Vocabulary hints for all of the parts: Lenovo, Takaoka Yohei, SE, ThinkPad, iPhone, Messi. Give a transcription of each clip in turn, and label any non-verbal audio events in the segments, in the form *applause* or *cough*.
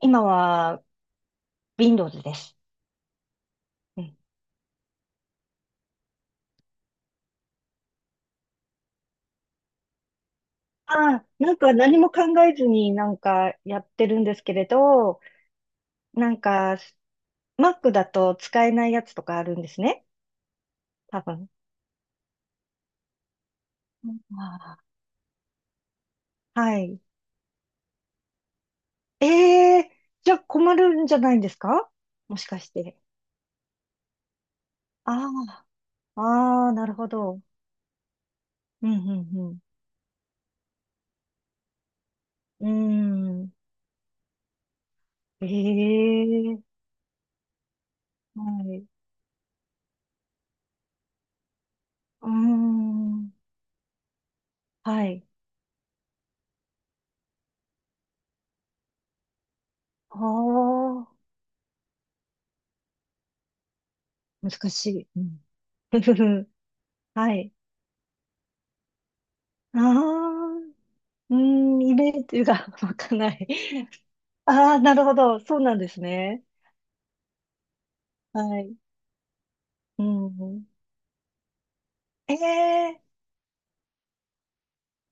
今は Windows です。うん。ああ、なんか何も考えずになんかやってるんですけれど、なんか Mac だと使えないやつとかあるんですね。多分。うん、ああ、はい。ええ、じゃあ困るんじゃないんですか？もしかして。ああ、ああ、なるほど。うん、うん、うん。うーん。ええ、はい。うーん。はい。ああ、難しい。うん。*laughs* はい。ああ、うーん、イメージが *laughs* 湧かない。*laughs* ああ、なるほど。そうなんですね。はい。うん。ええ、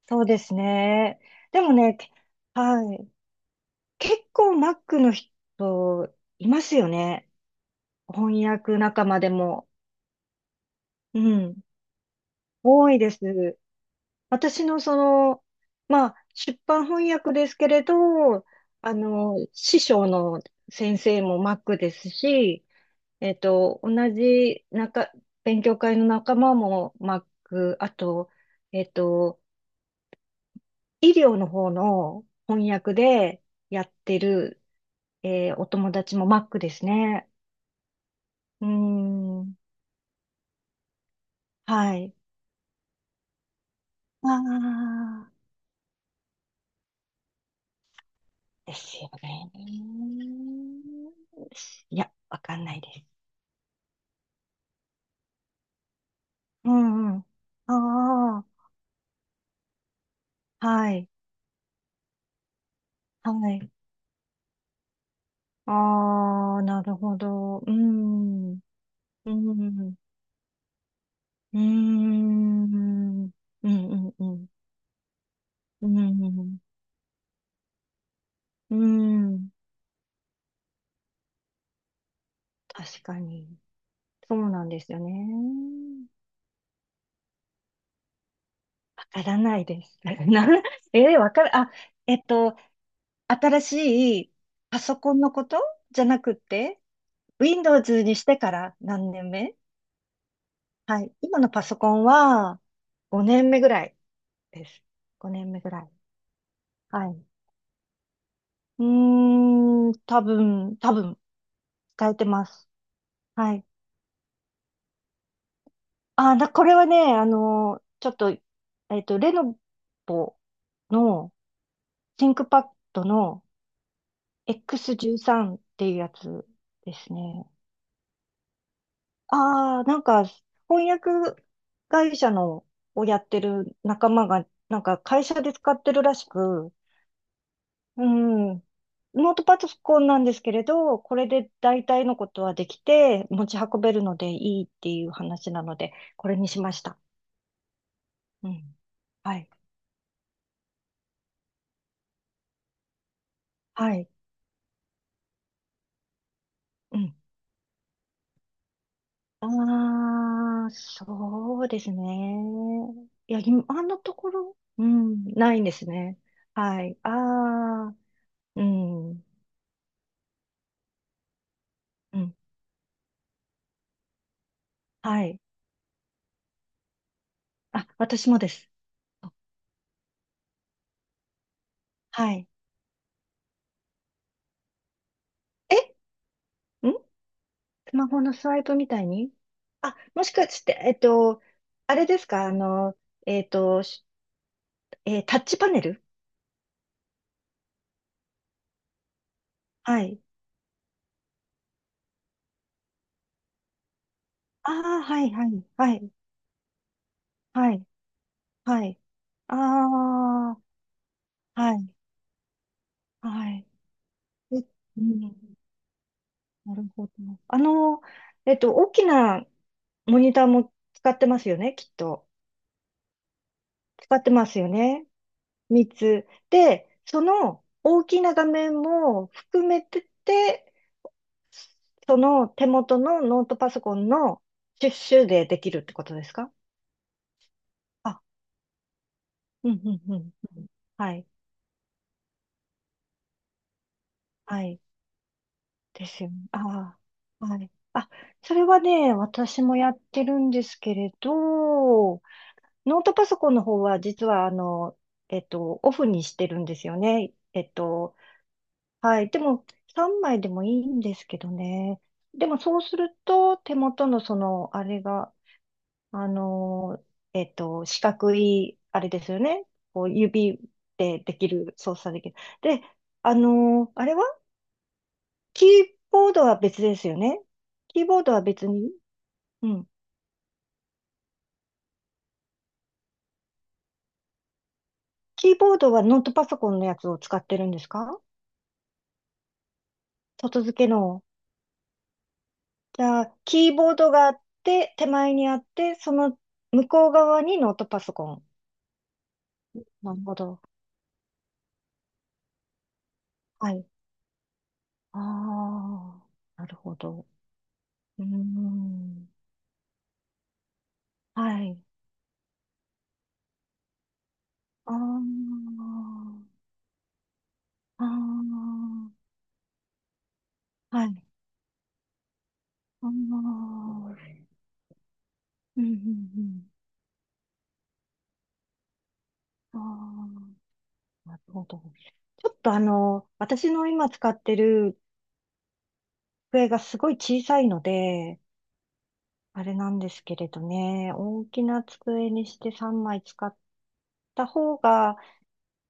そうですね。でもね、けはい。結構マックの人いますよね。翻訳仲間でも。うん。多いです。私のその、まあ、出版翻訳ですけれど、師匠の先生もマックですし、えっと、同じ中、勉強会の仲間もマック、あと、えっと、医療の方の翻訳でやってる、お友達もマックですね。うーん、はい。ああ、ですよね。いや、わかんないです。うんうん。ああ、はい、はい。ああ、なるほど。うん、うん。うーん。うんうんうん。うんうん。うん。確かに。そうなんですよね。わからないです。*laughs* な、えー、わかる、あ、えっと、新しいパソコンのことじゃなくて、Windows にしてから何年目？はい。今のパソコンは5年目ぐらいです。5年目ぐらい。はい。うーん、多分、使えてます。はい。これはね、あの、ちょっと、レノボのシンクパッドの X13 っていうやつですね。ああ、なんか、翻訳会社のをやってる仲間が、なんか会社で使ってるらしく、うん、ノートパソコンなんですけれど、これで大体のことはできて、持ち運べるのでいいっていう話なので、これにしました。うん。はい。はい。うん。ああ、そうですね。いや、今、あのところ、うん、ないんですね。はい。ああ、うん、うん、はい。あ、私もです。はい。えんスマホのスワイプみたいに、あ、もしかして、あれですか、えっと、しえータッチパネル？はい。ああ、はい、はい、はい、はい、はい。ああ、はい、はい。えうん、なるほど。あの、大きなモニターも使ってますよね、きっと。使ってますよね。3つ。で、その大きな画面も含めてて、その手元のノートパソコンのシュッシュでできるってことですか？あ、うん、うん、うん。うん、はい、はい。ですよね。ああ、はい。あ、それはね、私もやってるんですけれど、ノートパソコンの方は実はオフにしてるんですよね。はい。でも3枚でもいいんですけどね。でもそうすると手元のその、あれが、あの、四角い、あれですよね。こう指でできる、操作できる。で、あの、あれはキーボードは別ですよね。キーボードは別に、うん。キーボードはノートパソコンのやつを使ってるんですか？外付けの。じゃあ、キーボードがあって、手前にあって、その向こう側にノートパソコン。なるほど。はい。ああ、なるほど。うーん。はい。ああ、ああ、はい。ああ、うん、うん、うん。ああ、なるほど。ちょっとあの、私の今使ってる机がすごい小さいので、あれなんですけれどね、大きな机にして3枚使った方が、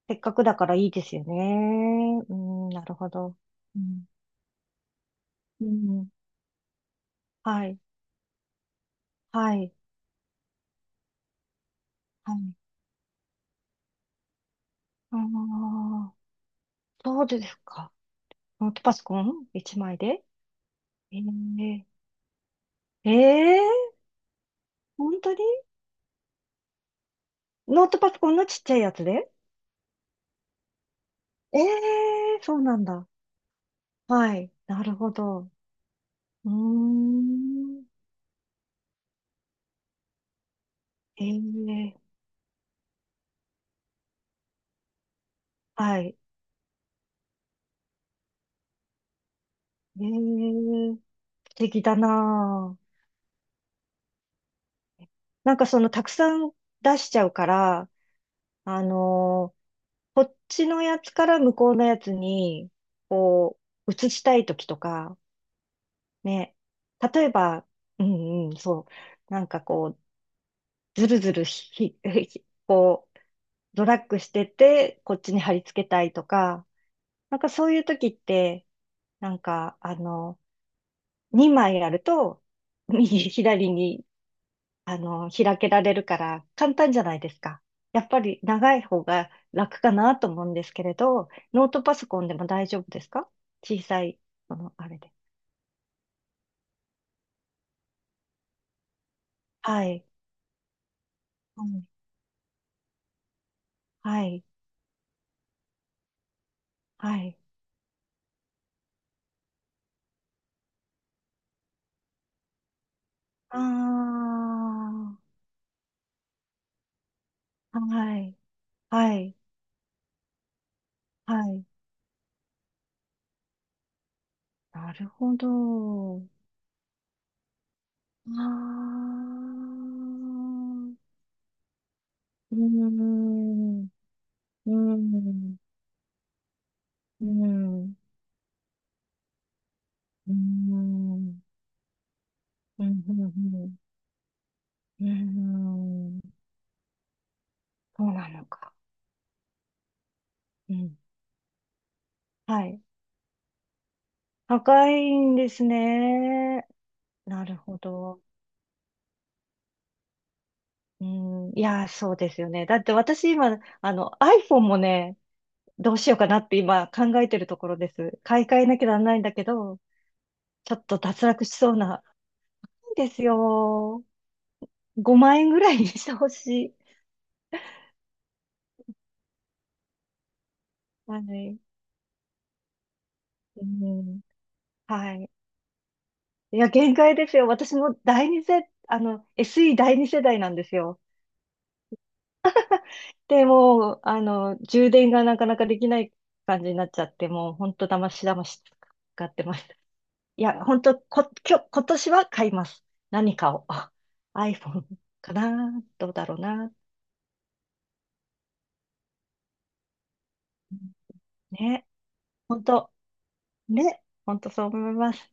せっかくだからいいですよね。うん、なるほど。うん、うん、はい、はい、はい。ああ、そうですか。ノートパソコン一枚で、えー、えー、本当にノートパソコンのちっちゃいやつでええー、そうなんだ。はい、なるほど。うーん、ええー、はい、ええー、素敵だなあ。なんかその、たくさん出しちゃうから、あのーこっちのやつから向こうのやつに、こう、移したいときとか、ね、例えば、うんうん、そう、なんかこう、ずるずるひ、ひこう、ドラッグしてて、こっちに貼り付けたいとか、なんかそういうときって、なんか、あの、2枚あると、*laughs* 右、左に開けられるから簡単じゃないですか。やっぱり長い方が楽かなと思うんですけれど、ノートパソコンでも大丈夫ですか？小さい、この、あれで。はい。うん、はい。はい。ああ、はい。はい。はい。なるほど。ああ、うーん、うーん、うーん、うーん、うーん、うーん。うーん、そうなのか。うん。はい。高いんですね。なるほど。うん。いやー、そうですよね。だって私今、あの、iPhone もね、どうしようかなって今考えてるところです。買い替えなきゃならないんだけど、ちょっと脱落しそうな。いいですよ。5万円ぐらいにしてほしい。はい。うん。はい。いや、限界ですよ。私も第二世、あの、SE 第二世代なんですよ。でもう、充電がなかなかできない感じになっちゃって、もう本当だましだまし使ってます。 *laughs* いや、本当こ、今日、今年は買います。何かを。*laughs* あ、 iPhone かな、どうだろうな。ね。本当ね。本当そう思います。